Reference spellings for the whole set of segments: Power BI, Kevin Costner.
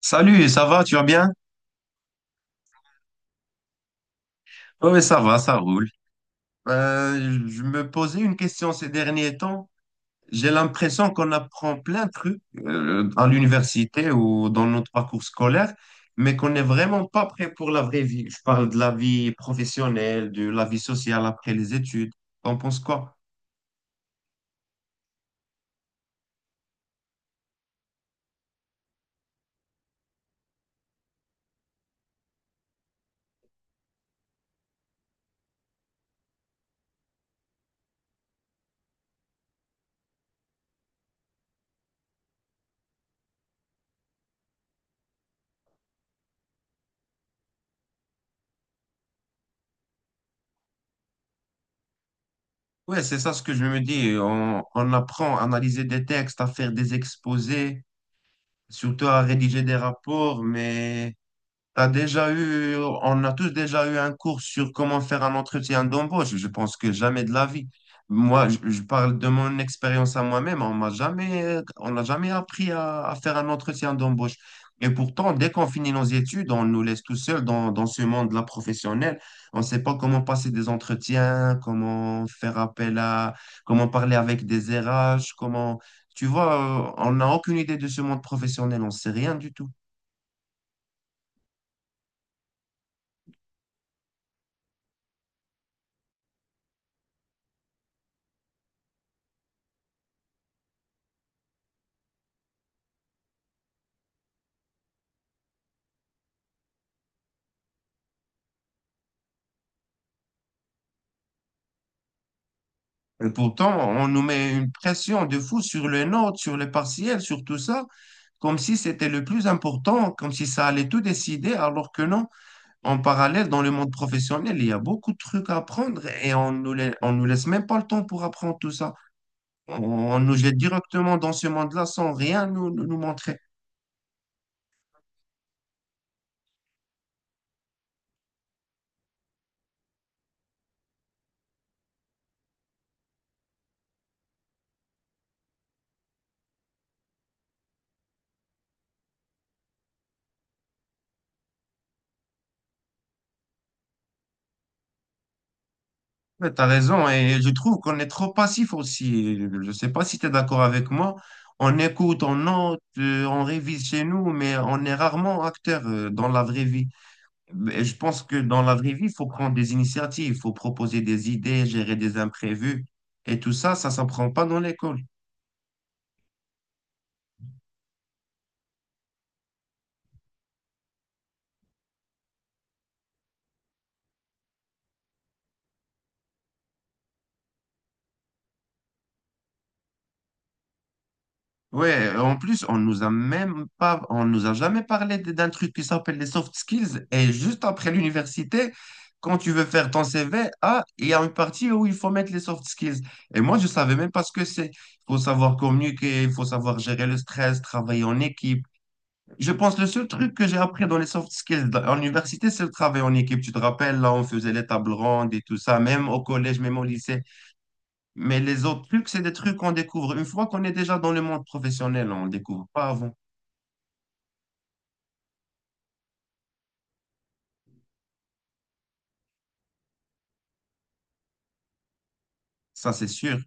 Salut, ça va, tu vas bien? Oui, ça va, ça roule. Je me posais une question ces derniers temps. J'ai l'impression qu'on apprend plein de trucs à l'université ou dans notre parcours scolaire, mais qu'on n'est vraiment pas prêt pour la vraie vie. Je parle de la vie professionnelle, de la vie sociale après les études. T'en penses quoi? Ouais, c'est ça ce que je me dis. On apprend à analyser des textes, à faire des exposés, surtout à rédiger des rapports, mais T'as déjà eu, on a tous déjà eu un cours sur comment faire un entretien d'embauche. Je pense que jamais de la vie. Moi, je parle de mon expérience à moi-même. On n'a jamais appris à faire un entretien d'embauche. Et pourtant, dès qu'on finit nos études, on nous laisse tout seuls dans ce monde-là professionnel. On ne sait pas comment passer des entretiens, comment faire appel à, comment parler avec des RH, comment, tu vois, on n'a aucune idée de ce monde professionnel. On ne sait rien du tout. Et pourtant, on nous met une pression de fou sur les notes, sur les partiels, sur tout ça, comme si c'était le plus important, comme si ça allait tout décider, alors que non. En parallèle, dans le monde professionnel, il y a beaucoup de trucs à apprendre et on nous laisse même pas le temps pour apprendre tout ça. On, on nous jette directement dans ce monde-là sans rien nous montrer. Ouais, t'as raison et je trouve qu'on est trop passif aussi. Je sais pas si tu es d'accord avec moi. On écoute, on note, on révise chez nous, mais on est rarement acteur dans la vraie vie. Mais je pense que dans la vraie vie, il faut prendre des initiatives, il faut proposer des idées, gérer des imprévus. Et tout ça, ça s'apprend pas dans l'école. Ouais, en plus, on nous a jamais parlé d'un truc qui s'appelle les soft skills. Et juste après l'université, quand tu veux faire ton CV, ah, il y a une partie où il faut mettre les soft skills. Et moi, je savais même pas ce que c'est. Il faut savoir communiquer, il faut savoir gérer le stress, travailler en équipe. Je pense que le seul truc que j'ai appris dans les soft skills en université, c'est le travail en équipe. Tu te rappelles, là, on faisait les tables rondes et tout ça, même au collège, même au lycée. Mais les autres trucs, c'est des trucs qu'on découvre une fois qu'on est déjà dans le monde professionnel. On ne découvre pas avant. Ça, c'est sûr.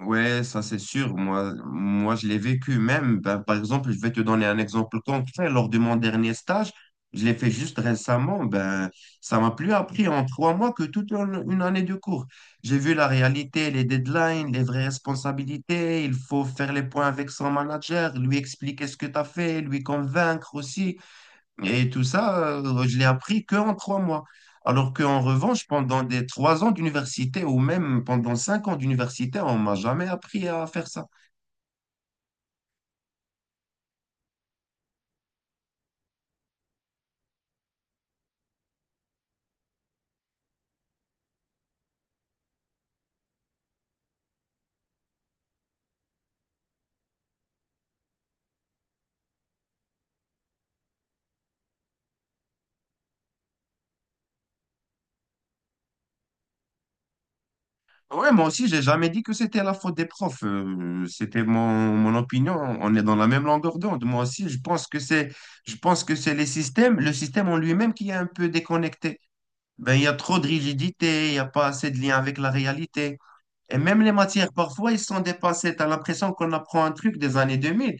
Ouais, ça c'est sûr. Moi, je l'ai vécu même. Ben, par exemple, je vais te donner un exemple concret. Lors de mon dernier stage, je l'ai fait juste récemment. Ben, ça m'a plus appris en 3 mois que toute une année de cours. J'ai vu la réalité, les deadlines, les vraies responsabilités. Il faut faire les points avec son manager, lui expliquer ce que tu as fait, lui convaincre aussi. Et tout ça, je l'ai appris que en 3 mois. Alors qu'en revanche, pendant des 3 ans d'université ou même pendant 5 ans d'université, on m'a jamais appris à faire ça. Ouais, moi aussi, j'ai jamais dit que c'était la faute des profs. C'était mon opinion. On est dans la même longueur d'onde. Moi aussi, je pense que c'est les systèmes, le système en lui-même qui est un peu déconnecté. Ben, il y a trop de rigidité, il n'y a pas assez de lien avec la réalité. Et même les matières, parfois, ils sont dépassés. Tu as l'impression qu'on apprend un truc des années 2000.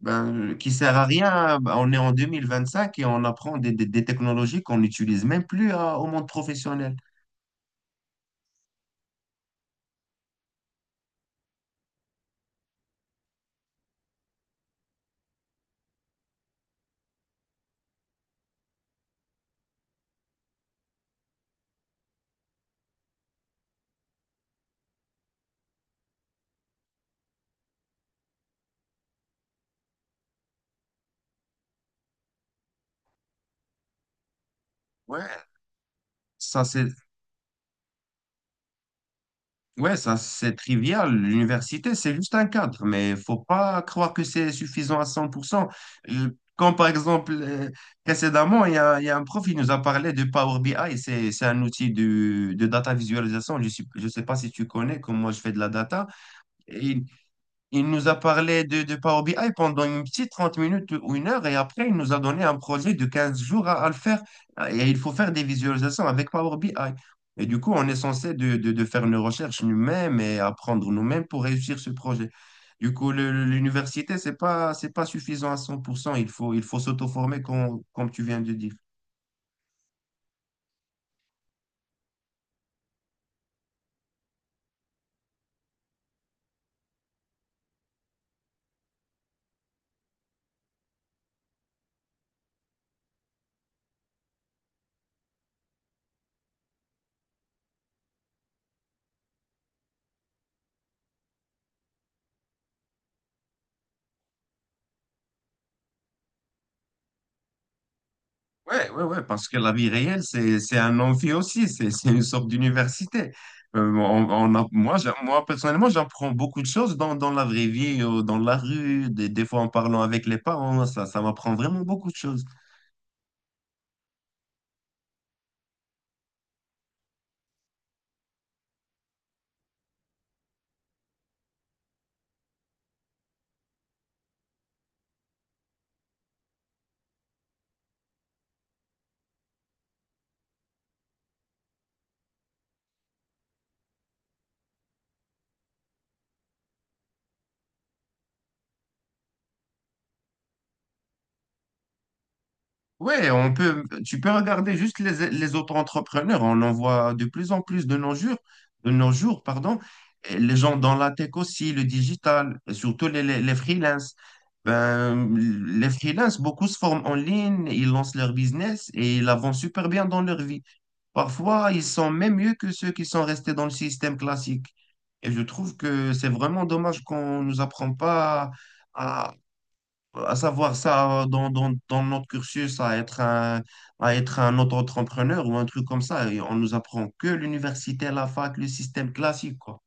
Ben, qui sert à rien. Ben, on est en 2025 et on apprend des technologies qu'on n'utilise même plus au monde professionnel. Ouais, ça c'est ouais, ça c'est trivial. L'université, c'est juste un cadre, mais faut pas croire que c'est suffisant à 100%. Euh, Quand par exemple, précédemment, il y a un prof qui nous a parlé de Power BI. C'est un outil de data visualisation. Je ne je sais pas si tu connais, comme moi je fais de la data. Et il nous a parlé de Power BI pendant une petite 30 minutes ou 1 heure et après, il nous a donné un projet de 15 jours à le faire. Et il faut faire des visualisations avec Power BI. Et du coup, on est censé de faire nos recherches nous-mêmes et apprendre nous-mêmes pour réussir ce projet. Du coup, l'université, c'est pas suffisant à 100%. Il faut s'auto-former, comme tu viens de dire. Ouais, ouais, ouais, parce que la vie réelle, c'est un amphi aussi, c'est une sorte d'université. On a- moi, j'a- moi, personnellement, j'apprends beaucoup de choses dans la vraie vie, dans la rue, des fois en parlant avec les parents, ça m'apprend vraiment beaucoup de choses. Ouais, tu peux regarder juste les auto-entrepreneurs. On en voit de plus en plus de nos jours, pardon. Et les gens dans la tech aussi, le digital, et surtout les freelances. Ben, les freelances, beaucoup se forment en ligne, ils lancent leur business et ils avancent super bien dans leur vie. Parfois, ils sont même mieux que ceux qui sont restés dans le système classique. Et je trouve que c'est vraiment dommage qu'on nous apprend pas à à savoir ça dans notre cursus, à être un auto-entrepreneur ou un truc comme ça. Et on nous apprend que l'université, la fac, le système classique, quoi.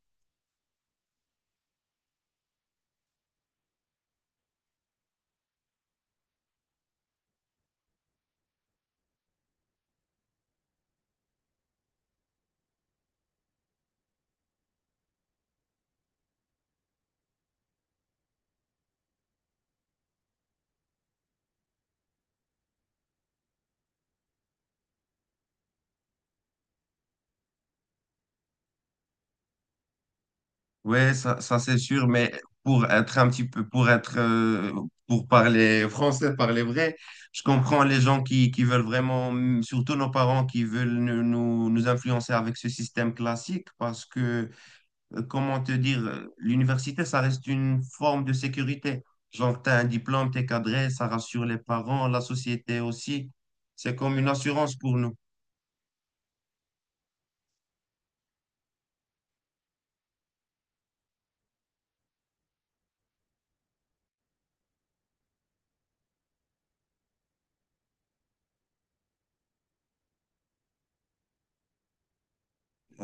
Ouais, ça c'est sûr, mais pour être un petit peu, pour être, pour parler français, parler vrai, je comprends les gens qui veulent vraiment, surtout nos parents qui veulent nous influencer avec ce système classique parce que comment te dire, l'université, ça reste une forme de sécurité. Genre, tu as un diplôme, tu es cadré, ça rassure les parents, la société aussi. C'est comme une assurance pour nous.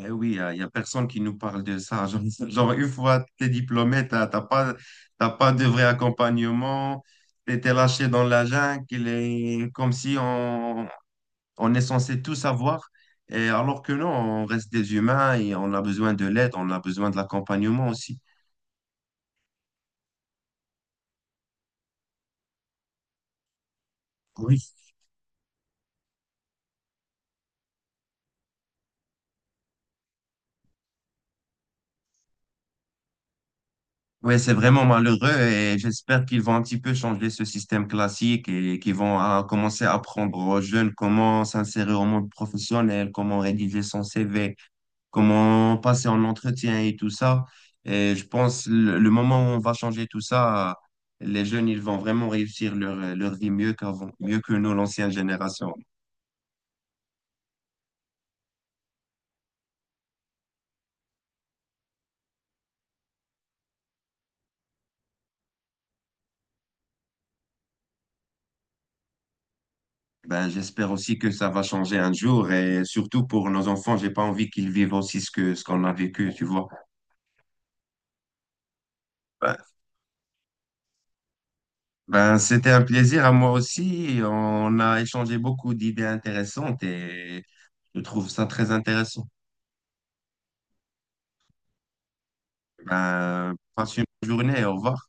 Eh oui, y a personne qui nous parle de ça. Genre, genre, une fois que tu es diplômé, tu n'as pas, t'as pas de vrai accompagnement, tu étais lâché dans la jungle, il est comme si on est censé tout savoir. Et alors que non, on reste des humains et on a besoin de l'aide, on a besoin de l'accompagnement aussi. Oui. Oui, c'est vraiment malheureux et j'espère qu'ils vont un petit peu changer ce système classique et qu'ils vont ah, commencer à apprendre aux jeunes comment s'insérer au monde professionnel, comment rédiger son CV, comment passer en entretien et tout ça. Et je pense le moment où on va changer tout ça, les jeunes, ils vont vraiment réussir leur vie mieux qu'avant, mieux que nous, l'ancienne génération. Ben, j'espère aussi que ça va changer un jour et surtout pour nos enfants, j'ai pas envie qu'ils vivent aussi ce que, ce qu'on a vécu, tu vois. Ben, Ben, c'était un plaisir à moi aussi. On a échangé beaucoup d'idées intéressantes et je trouve ça très intéressant. Ben, passe une bonne journée. Au revoir.